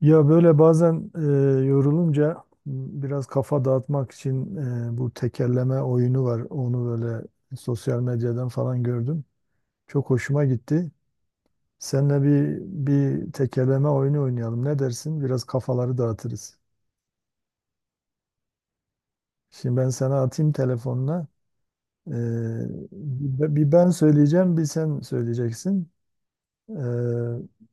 Ya böyle bazen yorulunca biraz kafa dağıtmak için bu tekerleme oyunu var. Onu böyle sosyal medyadan falan gördüm. Çok hoşuma gitti. Seninle bir tekerleme oyunu oynayalım. Ne dersin? Biraz kafaları dağıtırız. Şimdi ben sana atayım telefonuna. E, bir ben söyleyeceğim, bir sen söyleyeceksin. E,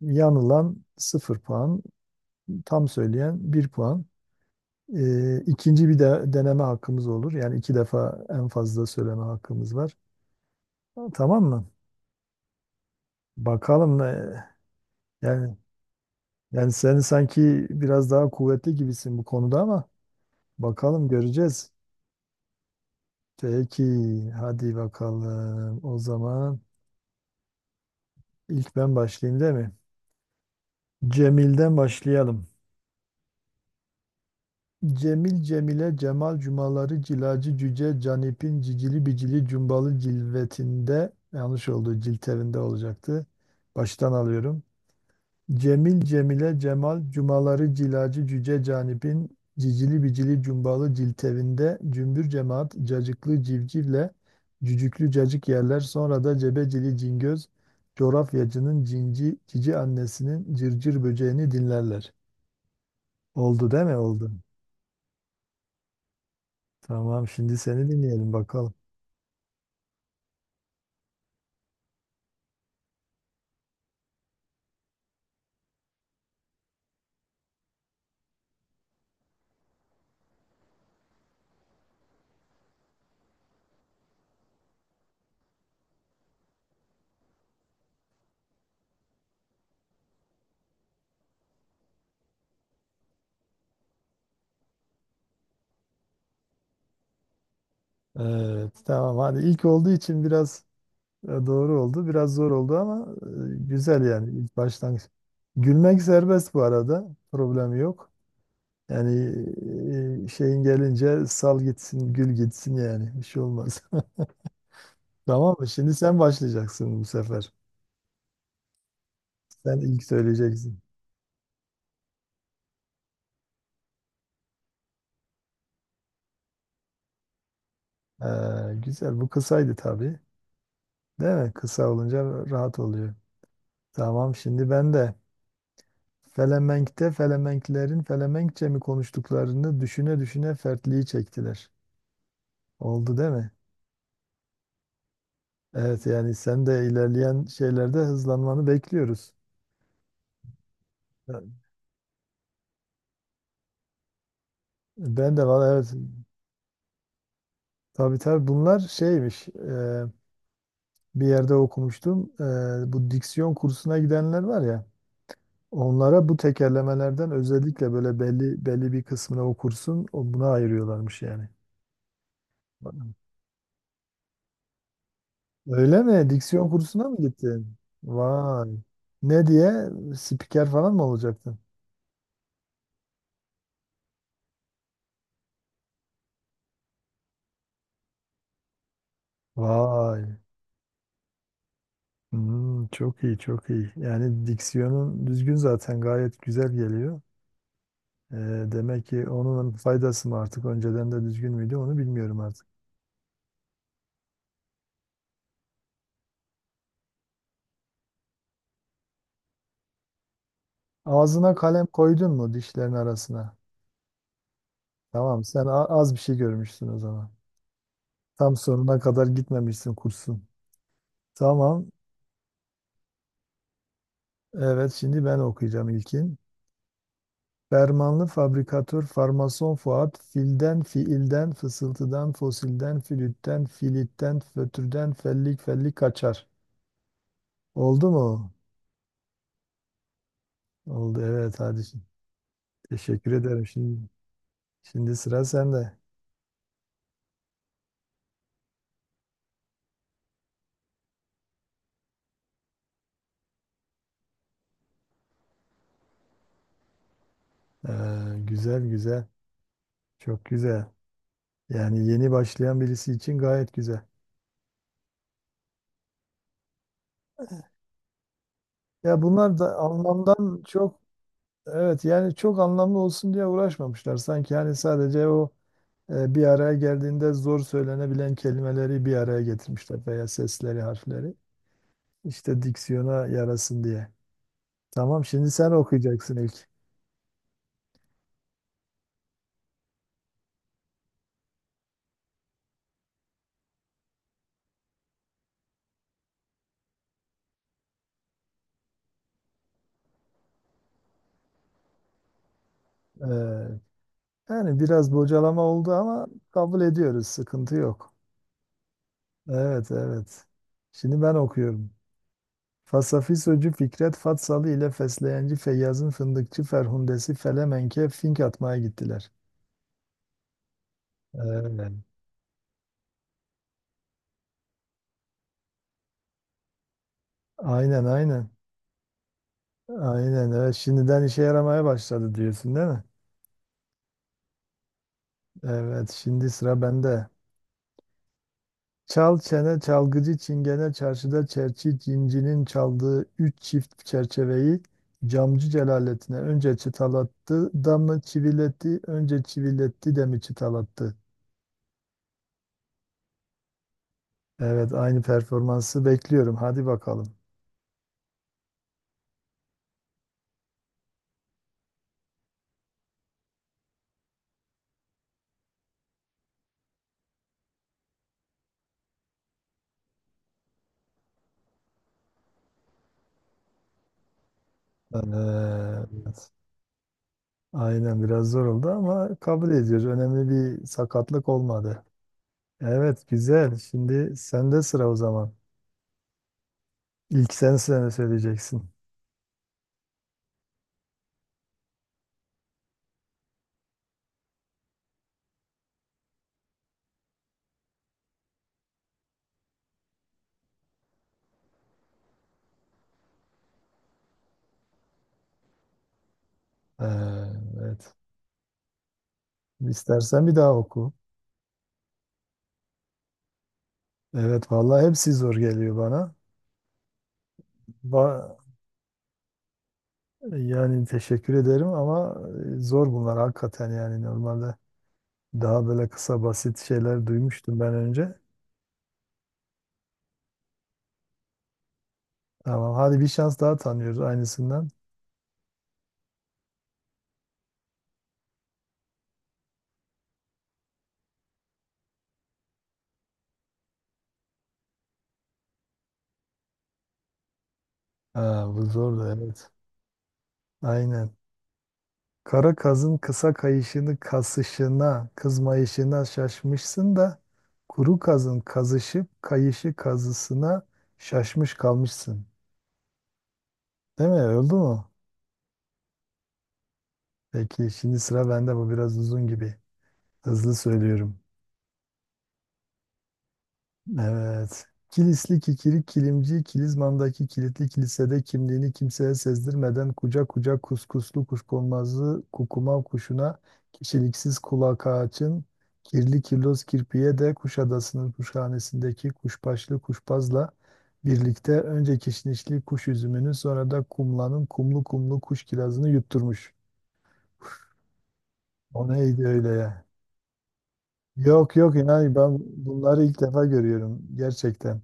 Yanılan sıfır puan, tam söyleyen bir puan. İkinci bir de deneme hakkımız olur. Yani iki defa en fazla söyleme hakkımız var. Tamam mı? Bakalım. Yani yani sen sanki biraz daha kuvvetli gibisin bu konuda ama bakalım göreceğiz. Peki, hadi bakalım. O zaman ilk ben başlayayım değil mi? Cemil'den başlayalım. Cemil Cemile Cemal Cumaları Cilacı Cüce Canip'in Cicili Bicili Cumbalı Cilvetinde yanlış oldu, ciltevinde olacaktı. Baştan alıyorum. Cemil Cemile Cemal Cumaları Cilacı Cüce Canip'in Cicili Bicili Cumbalı Ciltevinde Cümbür Cemaat Cacıklı Civcivle Cücüklü Cacık yerler, sonra da Cebecili Cingöz coğrafyacının cinci cici annesinin cırcır böceğini dinlerler. Oldu değil mi? Oldu. Tamam, şimdi seni dinleyelim bakalım. Evet tamam, hadi ilk olduğu için biraz. Ya doğru oldu. Biraz zor oldu ama güzel, yani ilk başlangıç. Gülmek serbest bu arada. Problem yok. Yani şeyin gelince sal gitsin, gül gitsin yani. Bir şey olmaz. Tamam mı? Şimdi sen başlayacaksın bu sefer. Sen ilk söyleyeceksin. Ee, güzel. Bu kısaydı tabii. Değil mi? Kısa olunca rahat oluyor. Tamam. Şimdi ben de Felemenk'te Felemenklerin Felemenkçe mi konuştuklarını düşüne düşüne fertliği çektiler. Oldu değil mi? Evet, yani sen de ilerleyen şeylerde hızlanmanı bekliyoruz. Ben de valla evet, tabii tabii bunlar şeymiş, bir yerde okumuştum. Bu diksiyon kursuna gidenler var ya, onlara bu tekerlemelerden özellikle böyle belli belli bir kısmını o kursun o buna ayırıyorlarmış yani. Öyle mi? Diksiyon kursuna mı gittin? Vay. Ne diye? Spiker falan mı olacaktın? Vay. Hmm, çok iyi, çok iyi. Yani diksiyonun düzgün, zaten gayet güzel geliyor. Ee, demek ki onun faydası mı, artık önceden de düzgün müydü onu bilmiyorum artık. Ağzına kalem koydun mu dişlerin arasına? Tamam, sen az bir şey görmüşsün o zaman. Tam sonuna kadar gitmemişsin kursun. Tamam. Evet, şimdi ben okuyacağım ilkin. Fermanlı fabrikatör farmason Fuat filden fiilden fısıltıdan fosilden flütten filitten fötürden fellik fellik kaçar. Oldu mu? Oldu, evet, hadi şimdi. Teşekkür ederim. Şimdi sıra sende. Ee, güzel güzel. Çok güzel. Yani yeni başlayan birisi için gayet güzel. Ya bunlar da anlamdan çok, evet yani çok anlamlı olsun diye uğraşmamışlar. Sanki yani sadece o bir araya geldiğinde zor söylenebilen kelimeleri bir araya getirmişler veya sesleri, harfleri. İşte diksiyona yarasın diye. Tamam, şimdi sen okuyacaksın ilk. Evet. Yani biraz bocalama oldu ama kabul ediyoruz. Sıkıntı yok. Evet, evet. Şimdi ben okuyorum. Fasafisocu Fikret Fatsalı ile Fesleyenci Feyyaz'ın fındıkçı Ferhundesi Felemenk'e fink atmaya gittiler. Evet. Aynen, aynen. Aynen, evet. Şimdiden işe yaramaya başladı diyorsun değil mi? Evet, şimdi sıra bende. Çal çene çalgıcı çingene çarşıda çerçi cincinin çaldığı üç çift çerçeveyi camcı Celalettin'e önce çıtalattı da mı çiviletti, önce çiviletti de mi çıtalattı? Evet, aynı performansı bekliyorum, hadi bakalım. Evet. Aynen, biraz zor oldu ama kabul ediyoruz. Önemli bir sakatlık olmadı. Evet, güzel. Şimdi sende sıra o zaman. İlk sen sene söyleyeceksin. Evet. İstersen bir daha oku. Evet vallahi hepsi zor geliyor bana. Ba- yani teşekkür ederim ama zor bunlar hakikaten, yani normalde daha böyle kısa basit şeyler duymuştum ben önce. Tamam, hadi bir şans daha tanıyoruz aynısından. Ha, bu zordu evet. Aynen. Kara kazın kısa kayışını kasışına, kızmayışına şaşmışsın da kuru kazın kazışıp kayışı kazısına şaşmış kalmışsın. Değil mi? Oldu mu? Peki, şimdi sıra bende, bu biraz uzun gibi. Hızlı söylüyorum. Evet. Kilisli kikirik kilimci Kilizman'daki kilitli kilisede kimliğini kimseye sezdirmeden kucak kucak kuskuslu kuşkonmazlı kukuma kuşuna kişiliksiz kulak ağaçın kirli kirloz kirpiye de Kuşadası'nın kuşhanesindeki kuşbaşlı kuşbazla birlikte önce kişnişli kuş üzümünü, sonra da kumlanın kumlu kumlu kuş kirazını yutturmuş. O neydi öyle ya? Yok yok, inan ben bunları ilk defa görüyorum gerçekten.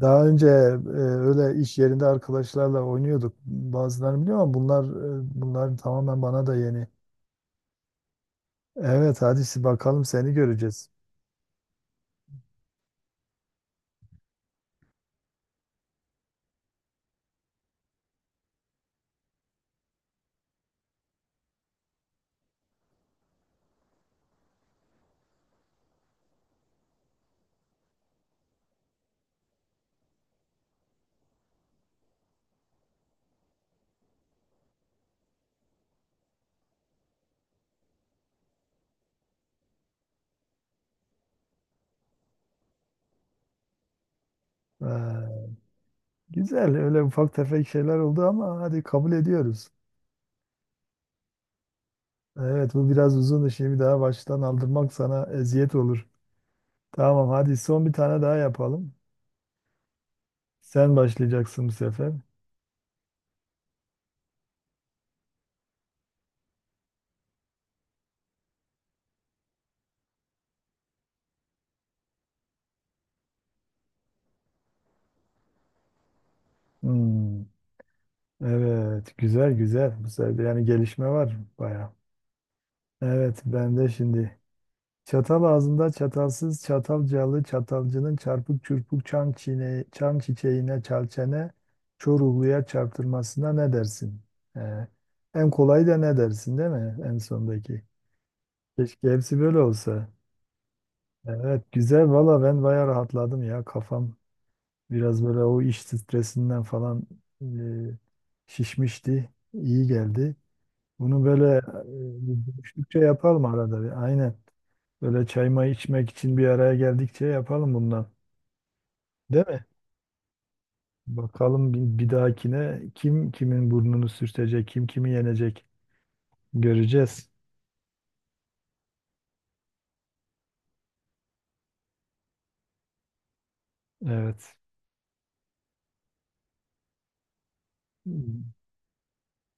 Daha önce öyle iş yerinde arkadaşlarla oynuyorduk. Bazılarını biliyorum ama bunlar tamamen bana da yeni. Evet, hadi bakalım, seni göreceğiz. Ee, güzel, öyle ufak tefek şeyler oldu ama hadi kabul ediyoruz. Evet, bu biraz uzun şimdi, daha baştan aldırmak sana eziyet olur. Tamam, hadi son bir tane daha yapalım. Sen başlayacaksın bu sefer. Hmm. Evet, güzel güzel. Bu sefer yani gelişme var baya. Evet, ben de şimdi. Çatal ağzında çatalsız çatalcalı çatalcının çarpık çırpık çan, çiğne, çan çiçeğine çalçene çoruluya çarptırmasına ne dersin? Ee, en kolayı da ne dersin değil mi? En sondaki. Keşke hepsi böyle olsa. Evet, güzel. Valla ben baya rahatladım ya. Kafam biraz böyle o iş stresinden falan şişmişti. İyi geldi. Bunu böyle düşündükçe yapalım arada bir. Aynen. Böyle çay may içmek için bir araya geldikçe yapalım bundan. Değil mi? Bakalım bir dahakine kim kimin burnunu sürtecek, kim kimi yenecek göreceğiz. Evet.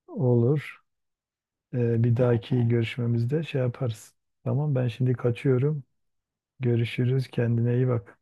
Olur. Bir dahaki görüşmemizde şey yaparız. Tamam, ben şimdi kaçıyorum. Görüşürüz. Kendine iyi bak.